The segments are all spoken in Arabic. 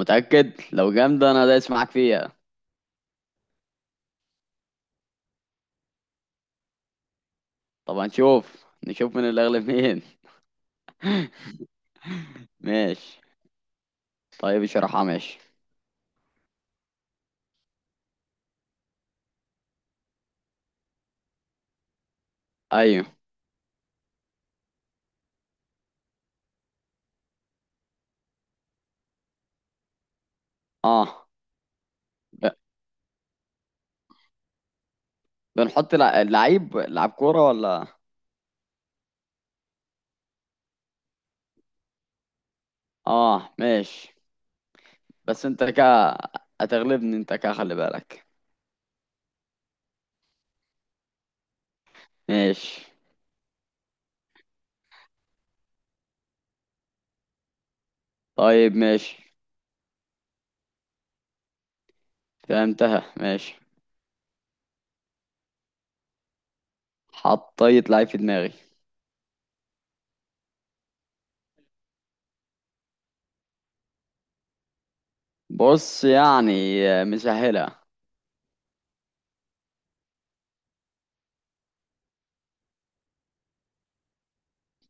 متأكد. لو جامدة أنا دايس معاك فيها. طب نشوف من اللي أغلب مين. ماشي. طيب اشرحها، ماشي. أيوه. أه. ب- بنحط لعيب كورة ولا؟ أه، ماشي. بس أنت هتغلبني، أنت خلي بالك. ماشي. طيب، ماشي. فهمتها، ماشي. حطيت لعيب في دماغي. بص يعني، مسهلة.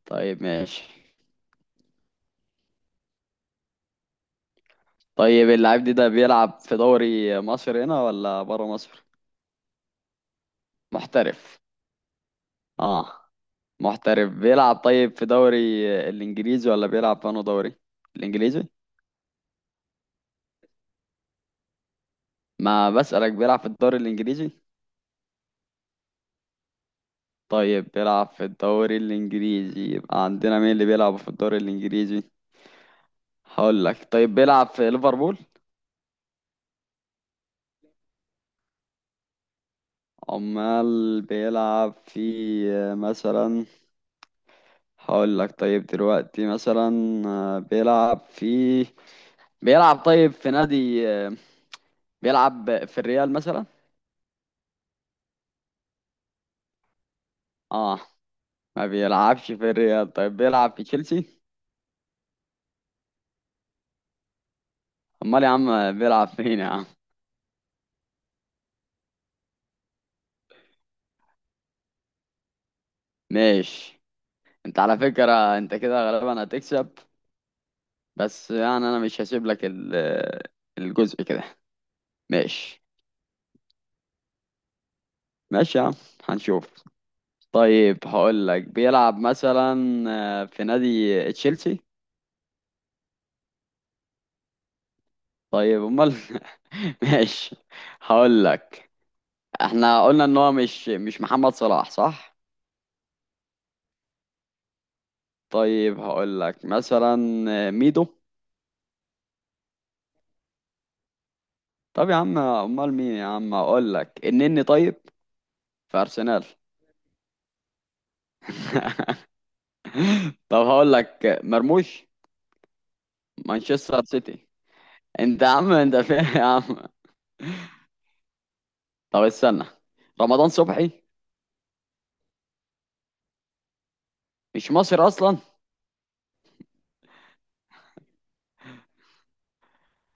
طيب، ماشي. طيب اللاعب ده بيلعب في دوري مصر هنا ولا بره مصر؟ محترف. اه، محترف. بيلعب طيب في دوري الانجليزي ولا بيلعب في دوري الانجليزي؟ ما بسألك بيلعب في الدوري الانجليزي. طيب بيلعب في الدوري الانجليزي، يبقى عندنا مين اللي بيلعب في الدوري الانجليزي؟ هقول لك، طيب بيلعب في ليفربول. امال بيلعب في، مثلا، هقول لك طيب دلوقتي مثلا بيلعب في بيلعب طيب في نادي، بيلعب في الريال مثلا. اه، ما بيلعبش في الريال، طيب بيلعب في تشيلسي. امال يا عم بيلعب فين يا عم؟ ماشي. انت على فكرة انت كده غالبا هتكسب، بس يعني انا مش هسيب لك الجزء كده. ماشي. ماشي يا عم. هنشوف. طيب هقول لك بيلعب مثلا، في نادي تشيلسي. طيب امال؟ ماشي. هقول لك، احنا قلنا ان هو مش محمد صلاح، صح؟ طيب هقول لك مثلا، ميدو. طب يا عم امال مين يا عم؟ هقول لك النني طيب، في ارسنال. طب هقول لك مرموش، مانشستر سيتي. انت يا عم انت فين يا عم؟ طب استنى، رمضان صبحي. مش مصري اصلا؟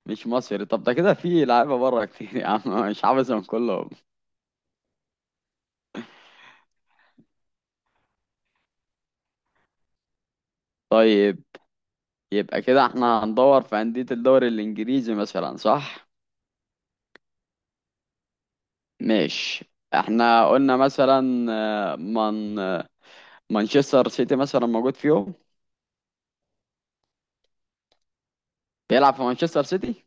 مش مصري، طب ده كده في لعيبه بره كتير يا عم، مش حافظهم كلهم. طيب يبقى كده احنا هندور في أندية الدوري الإنجليزي مثلا، صح؟ ماشي، احنا قلنا مثلا، من مانشستر سيتي مثلا موجود فيهم. بيلعب في مانشستر سيتي.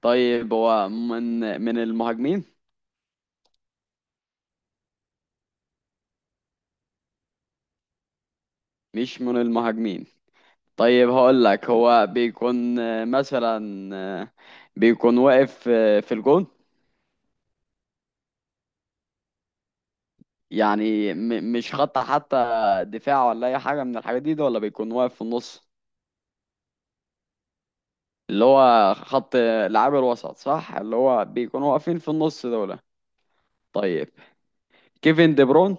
طيب هو من المهاجمين؟ مش من المهاجمين. طيب هقول لك هو بيكون، مثلا، بيكون واقف، في الجون، يعني مش خط حتى دفاع ولا أي حاجة من الحاجات دي ولا بيكون واقف في النص، اللي هو خط لعاب الوسط، صح، اللي هو بيكونوا واقفين في النص دول. طيب، كيفن دي برون.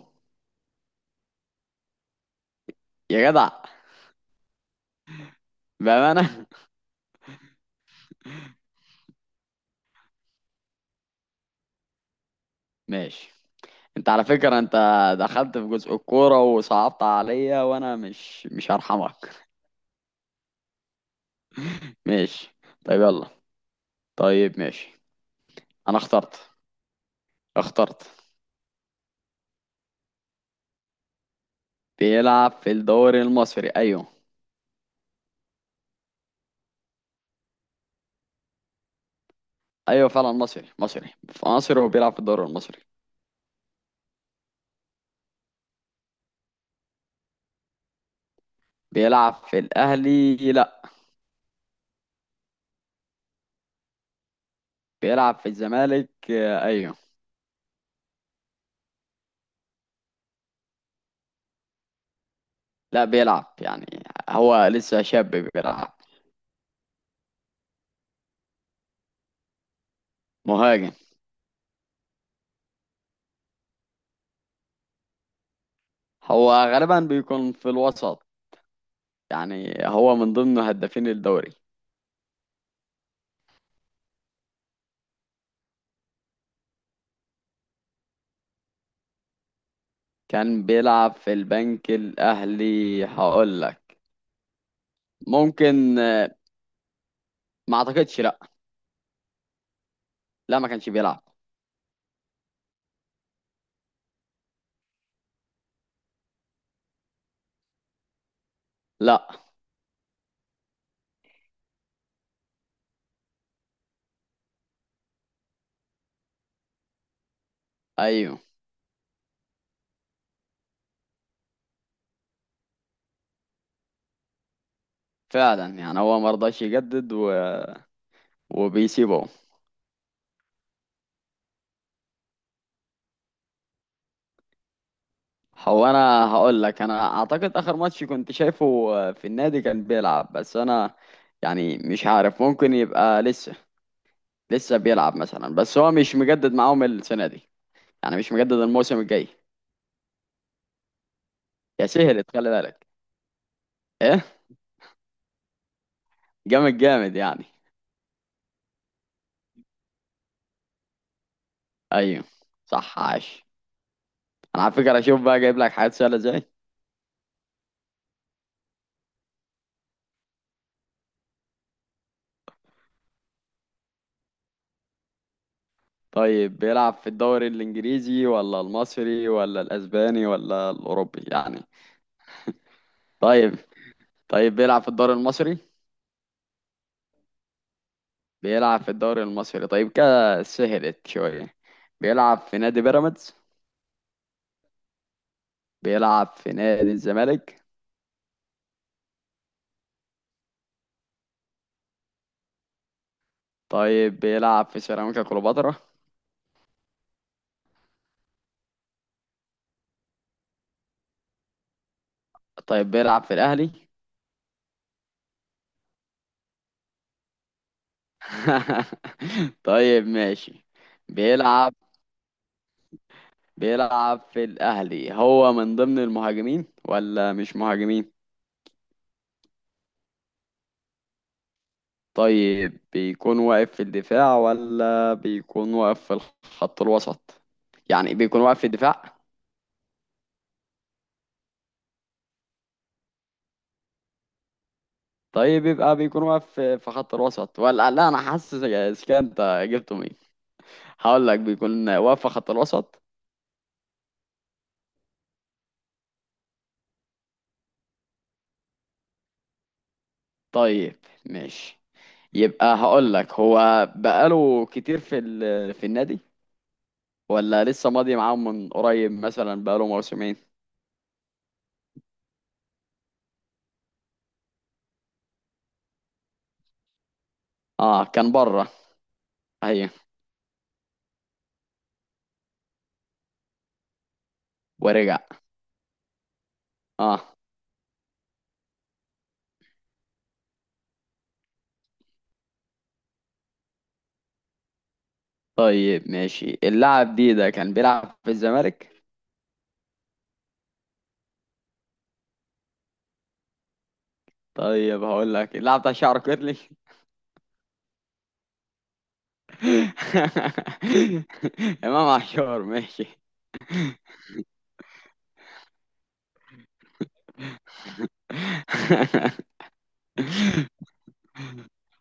يا جدع، بأمانة. ماشي. انت على فكرة انت دخلت في جزء الكورة وصعبت عليا، وانا مش هرحمك. ماشي. طيب يلا. طيب، ماشي. انا اخترت. بيلعب في الدوري المصري، ايوه. ايوه، فعلا مصري، مصري في مصر وبيلعب في الدوري المصري. بيلعب في الاهلي، لا. بيلعب في الزمالك، ايوه. لا بيلعب يعني، هو لسه شاب بيلعب. مهاجم. هو غالبا بيكون في الوسط، يعني هو من ضمن هدافين الدوري. كان بيلعب في البنك الأهلي، هقول لك ممكن، ما اعتقدش، لا. لا، ما كانش بيلعب. لا. ايوه. فعلا، يعني هو ما رضاش يجدد وبيسيبه. هو، انا هقول لك انا اعتقد اخر ماتش كنت شايفه، في النادي كان بيلعب، بس انا يعني مش عارف. ممكن يبقى لسه بيلعب مثلا، بس هو مش مجدد معاهم السنه دي، يعني مش مجدد الموسم الجاي. يا سهلت، خلي بالك. ايه. جامد جامد يعني. ايوه، صح، عاش. انا على فكره اشوف بقى جايب لك حاجات سهله ازاي. طيب بيلعب في الدوري الانجليزي ولا المصري ولا الاسباني ولا الاوروبي يعني؟ طيب. طيب بيلعب في الدوري المصري. بيلعب في الدوري المصري، طيب كده سهلت شويه. بيلعب في نادي بيراميدز؟ بيلعب في نادي الزمالك؟ طيب بيلعب في سيراميكا كليوباترا؟ طيب بيلعب في الأهلي؟ طيب، ماشي. بيلعب بيلعب في الأهلي، هو من ضمن المهاجمين ولا مش مهاجمين؟ طيب بيكون واقف في الدفاع ولا بيكون واقف في الخط الوسط؟ يعني بيكون واقف في الدفاع؟ طيب يبقى بيكون واقف في خط الوسط ولا لا، انا حاسس إذا كان انت جبته مين. هقول لك بيكون واقف في خط الوسط. طيب، ماشي. يبقى هقول لك هو بقاله كتير في النادي، ولا لسه ماضي معاهم من قريب مثلا، بقاله موسمين؟ اه، كان بره. ايوه، ورجع. اه. طيب، ماشي. اللاعب ده كان بيلعب في الزمالك. طيب هقول لك اللاعب بتاع شعره كيرلي. امام عاشور، ماشي.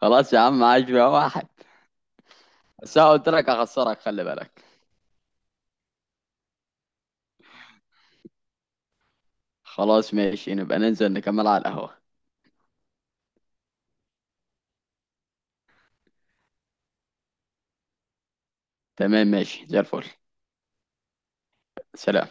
خلاص يا عم، عاش بقى واحد. بس انا قلت لك هخسرك، خلي بالك. خلاص، ماشي، نبقى ننزل نكمل على القهوة. تمام، ماشي، زي الفل. سلام.